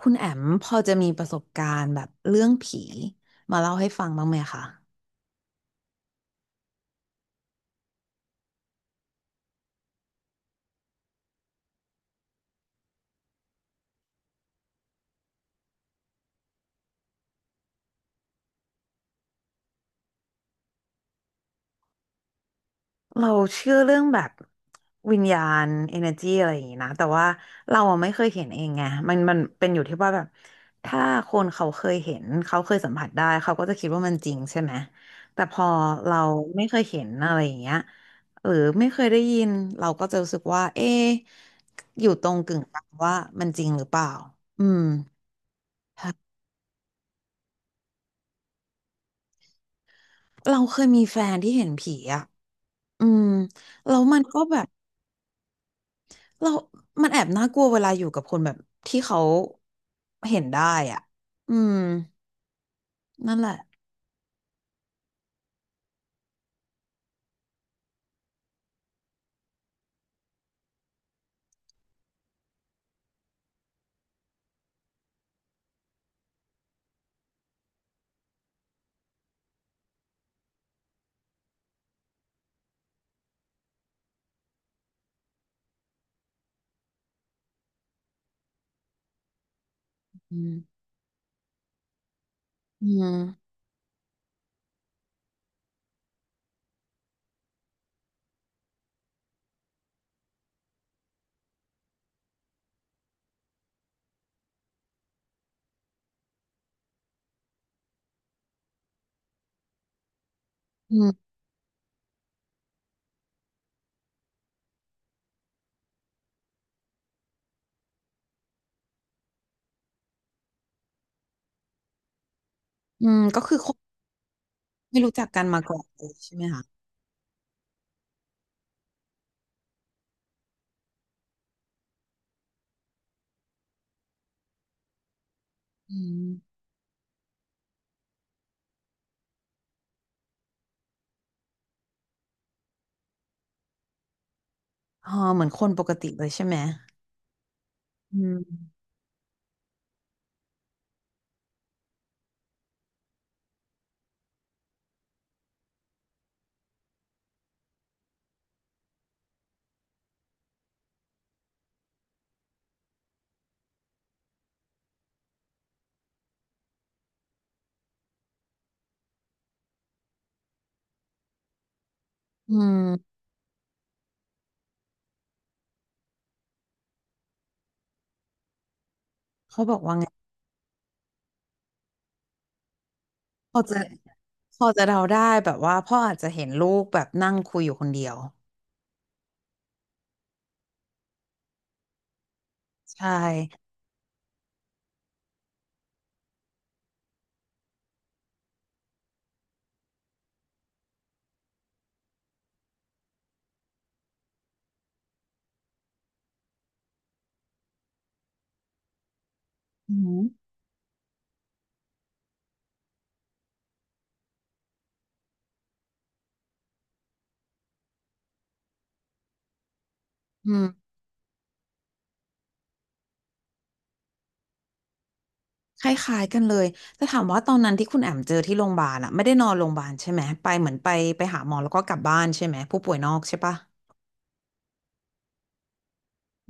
คุณแอมพอจะมีประสบการณ์แบบเรื่องผีมาเล่าให้ฟังบ้างไหมคะ เราเชื่อเรื่องแบบวิญญาณ energy อะไรอย่างนี้นะแต่ว่าเราอะไม่เคยเห็นเองไงมันเป็นอยู่ที่ว่าแบบถ้าคนเขาเคยเห็นเขาเคยสัมผัสได้เขาก็จะคิดว่ามันจริงใช่ไหมแต่พอเราไม่เคยเห็นอะไรอย่างเงี้ยหรือไม่เคยได้ยินเราก็จะรู้สึกว่าเอ๊ะอยู่ตรงกึ่งกลางว่ามันจริงหรือเปล่าอืมเราเคยมีแฟนที่เห็นผีอะ อืมแล้วมันก็แบบเรามันแอบน่ากลัวเวลาอยู่กับคนแบบที่เขาเห็นได้อ่ะอืมนั่นแหละอืมอืมอืมอืมก็คือคนไม่รู้จักกันมาก่อนเลยใช่ไหมคะอืมอ๋อเหมือนคนปกติเลยใช่ไหมอืมอืมเขาบอกว่าไงพอจะพอจะเดาได้แบบว่าพ่ออาจจะเห็นลูกแบบนั่งคุยอยู่คนเดียวใช่อืมอืม คล้ายๆ กันเลยแต่ถามว่าตอนนั้นที่คุณแอมเจอที่โรงพยาบาลอะไม่ได้นอนโรงพยาบาลใช่ไหมไปเหมือนไปหาหมอแล้วก็กลับบ้านใช่ไหมผู้ป่วยนอกใช่ปะ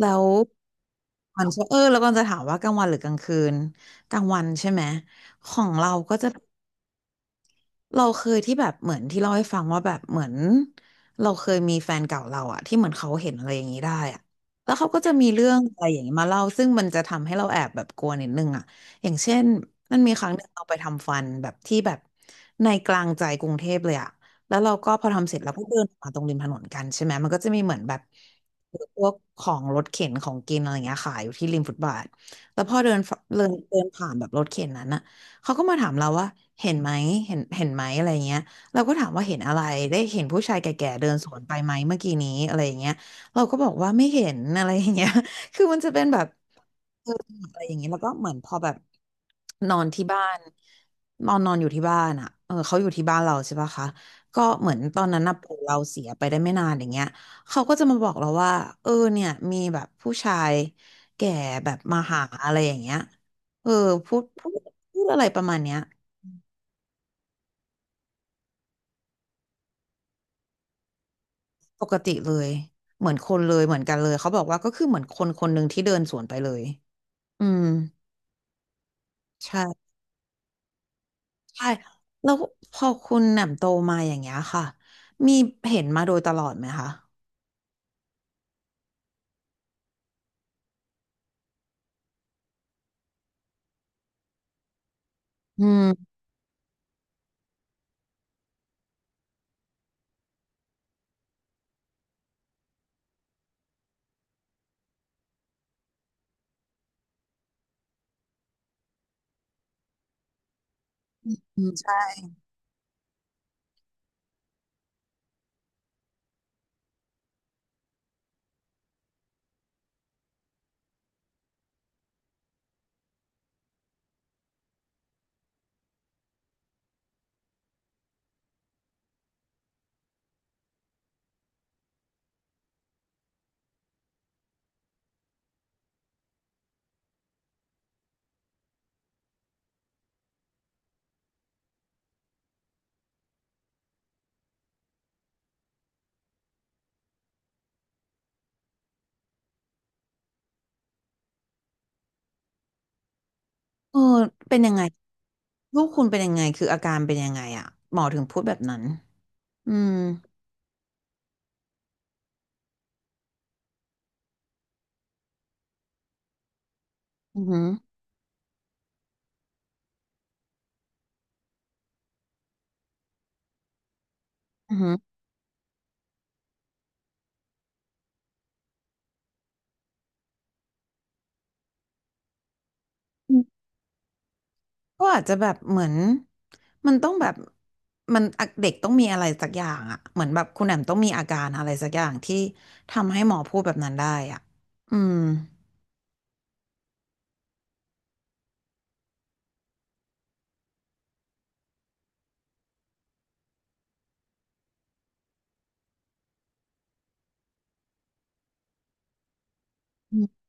แล้วมันจะเออแล้วก็จะถามว่ากลางวันหรือกลางคืนกลางวันใช่ไหมของเราก็จะ เราเคยที่แบบเหมือนที่เล่าให้ฟังว่าแบบเหมือนเราเคยมีแฟนเก่าเราอะที่เหมือนเขาเห็นอะไรอย่างนี้ได้อะแล้วเขาก็จะมีเรื่องอะไรอย่างนี้มาเล่าซึ่งมันจะทำให้เราแอบแบบกลัวนิดนึงอะอย่างเช่นมันมีครั้งหนึ่งเราไปทำฟันแบบที่แบบในกลางใจกรุงเทพเลยอะแล้วเราก็พอทำเสร็จเราก็เดินมาตรงริมถนนกันใช่ไหมมันก็จะมีเหมือนแบบพวกของรถเข็นของกินอะไรอย่างเงี้ยขายอยู่ที่ริมฟุตบาทแล้วพอเดินผ่านแบบรถเข็นนั้นอะ เขาก็มาถามเราว่าเห็นไหมเห็นไหมอะไรเงี้ยเราก็ถามว่าเห็นอะไรได้เห็นผู้ชายแก่ๆเดินสวนไปไหมเมื่อกี้นี้อะไรอย่างเงี้ยเราก็บอกว่าไม่เห็นอะไรอย่างเงี้ย คือมันจะเป็นแบบเอออะไรอย่างเงี้ยแล้วก็เหมือนพอแบบนอนที่บ้านนอนนอนอยู่ที่บ้านอ่ะเออเขาอยู่ที่บ้านเราใช่ปะคะก็เหมือนตอนนั้นน่ะปู่เราเสียไปได้ไม่นานอย่างเงี้ยเขาก็จะมาบอกเราว่าเออเนี่ยมีแบบผู้ชายแก่แบบมาหาอะไรอย่างเงี้ยเออพูด พูดอะไรประมาณเนี้ยปกติเลยเหมือนคนเลยเหมือนกันเลยเขาบอกว่าก็คือเหมือนคนคนหนึ่งที่เดินสวนไปเลยอืมใช่ใช่แล้วพอคุณแหม่มโตมาอย่างเงี้ยค่ะมีเห็นมาโดยตลอดไหมคะอืมอืมใช่เออเป็นยังไงลูกคุณเป็นยังไงคืออาการเป็นยังไงอ่ะหมอถึงพูดแบบนั้นอืมอือหืออือหือ ก็อาจจะแบบเหมือนมันต้องแบบมันเด็กต้องมีอะไรสักอย่างอะเหมือนแบบคุณแหมมต้องมีอาการอะไรสักอย่างที่ทำให้หมอพูดแบบนั้นได้อ่ะอืมอืม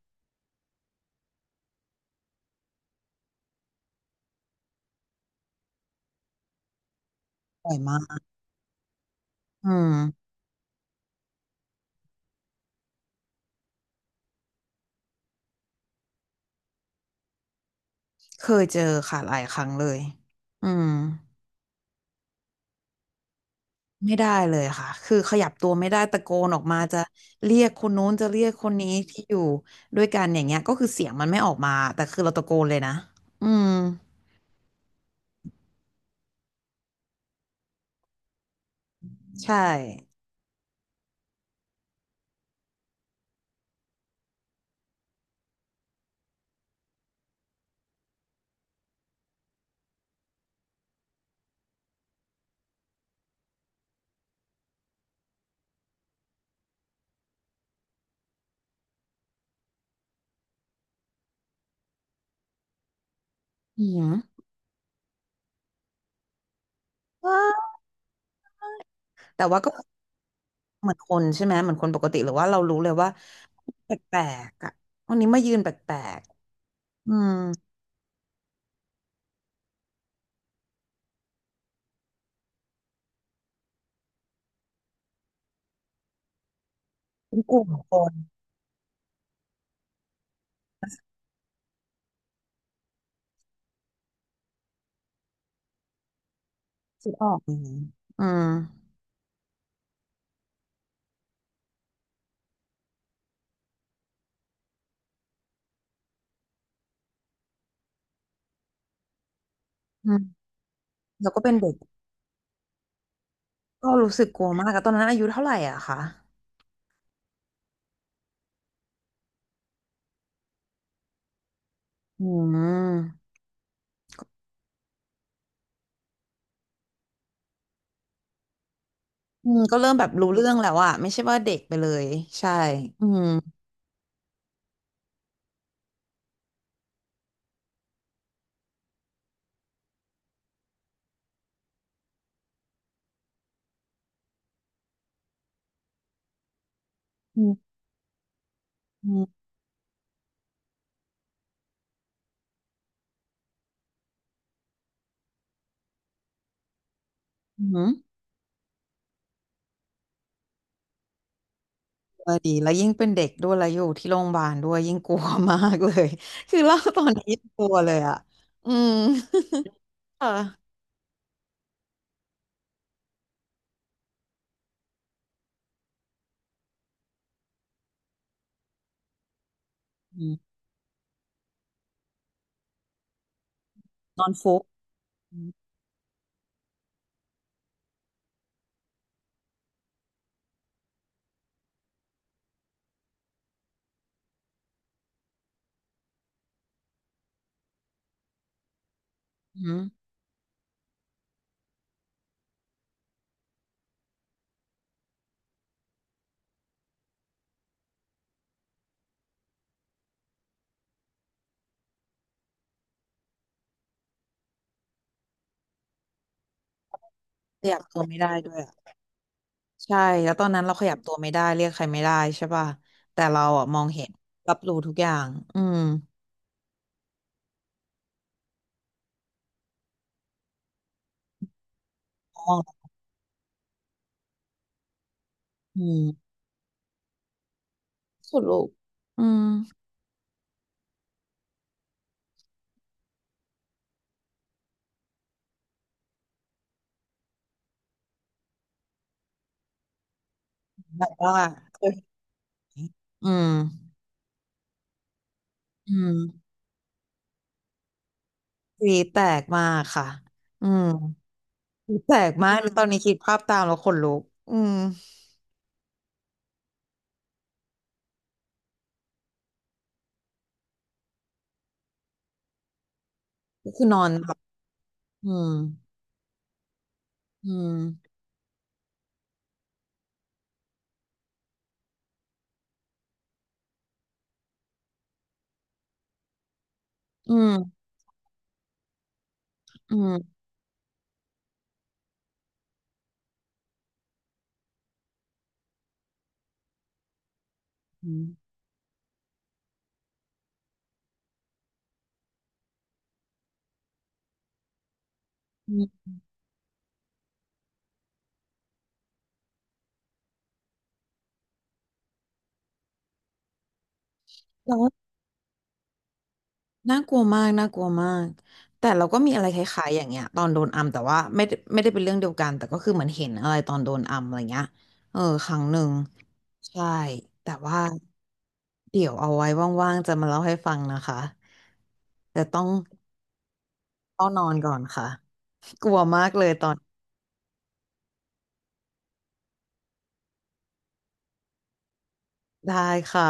บ่อยมากอืมเคยเจอค่ะหลายครั้งเลยอืมไม่ได้เลยค่ะคือขยับตัวไม่ได้ตะโกนออกมาจะเรียกคนนู้นจะเรียกคนนี้ที่อยู่ด้วยกันอย่างเงี้ยก็คือเสียงมันไม่ออกมาแต่คือเราตะโกนเลยนะอืมใช่อืม แต่ว่าก็เหมือนคนใช่ไหมเหมือนคนปกติหรือว่าเรารู้เลยว่าแปลกๆอ่ะวันนี้มายืนแปลกๆอืมเป็นกลุ่มคนคิดออกอย่างนี้อืมอืมแล้วก็เป็นเด็กก็รู้สึกกลัวมากอะตอนนั้นอายุเท่าไหร่อะคะอืมอืมก็เริ่มแบบรู้เรื่องแล้วอะไม่ใช่ว่าเด็กไปเลยใช่อืมอืมอืมอืมเออดีแล้วยิ่งเป็นเด็กด้วยแล้วอยู่ที่โรงพยาบาลด้วยยิ่งกลัวมากเลย คือเล่าตอนนี้ยังกลัวเลยอะอืม ค่ะอืมนอนฟุบอืมอืมขยับตัวไม่ได้ด้วยอ่ะใช่แล้วตอนนั้นเราขยับตัวไม่ได้เรียกใครไม่ได้ใช่ป่ะแต่เราอ่ะมองเห็นรับรู้ทุกอย่างอืมมองอืมสุดลูกอืมแต่ว่าเอออืมอืมกรีดแตกมากค่ะอืมกรีดแตกมากตอนนี้คิดภาพตามแล้วขนลุกอืมก็คือนอนแบบอืมอืมอืมอืมอืมอืมเรา น่ากลัวมากน่ากลัวมากแต่เราก็มีอะไรคล้ายๆอย่างเงี้ยตอนโดนอัมแต่ว่าไม่ได้เป็นเรื่องเดียวกันแต่ก็คือเหมือนเห็นอะไรตอนโดนอัมอะไรเงี้ยเออครั้งหนึ่งใช่แต่ว่าเดี๋ยวเอาไว้ว่างๆจะมาเล่าให้ฟังนะคะแต่ต้องนอนก่อนค่ะกลัวมากเลยตอนได้ค่ะ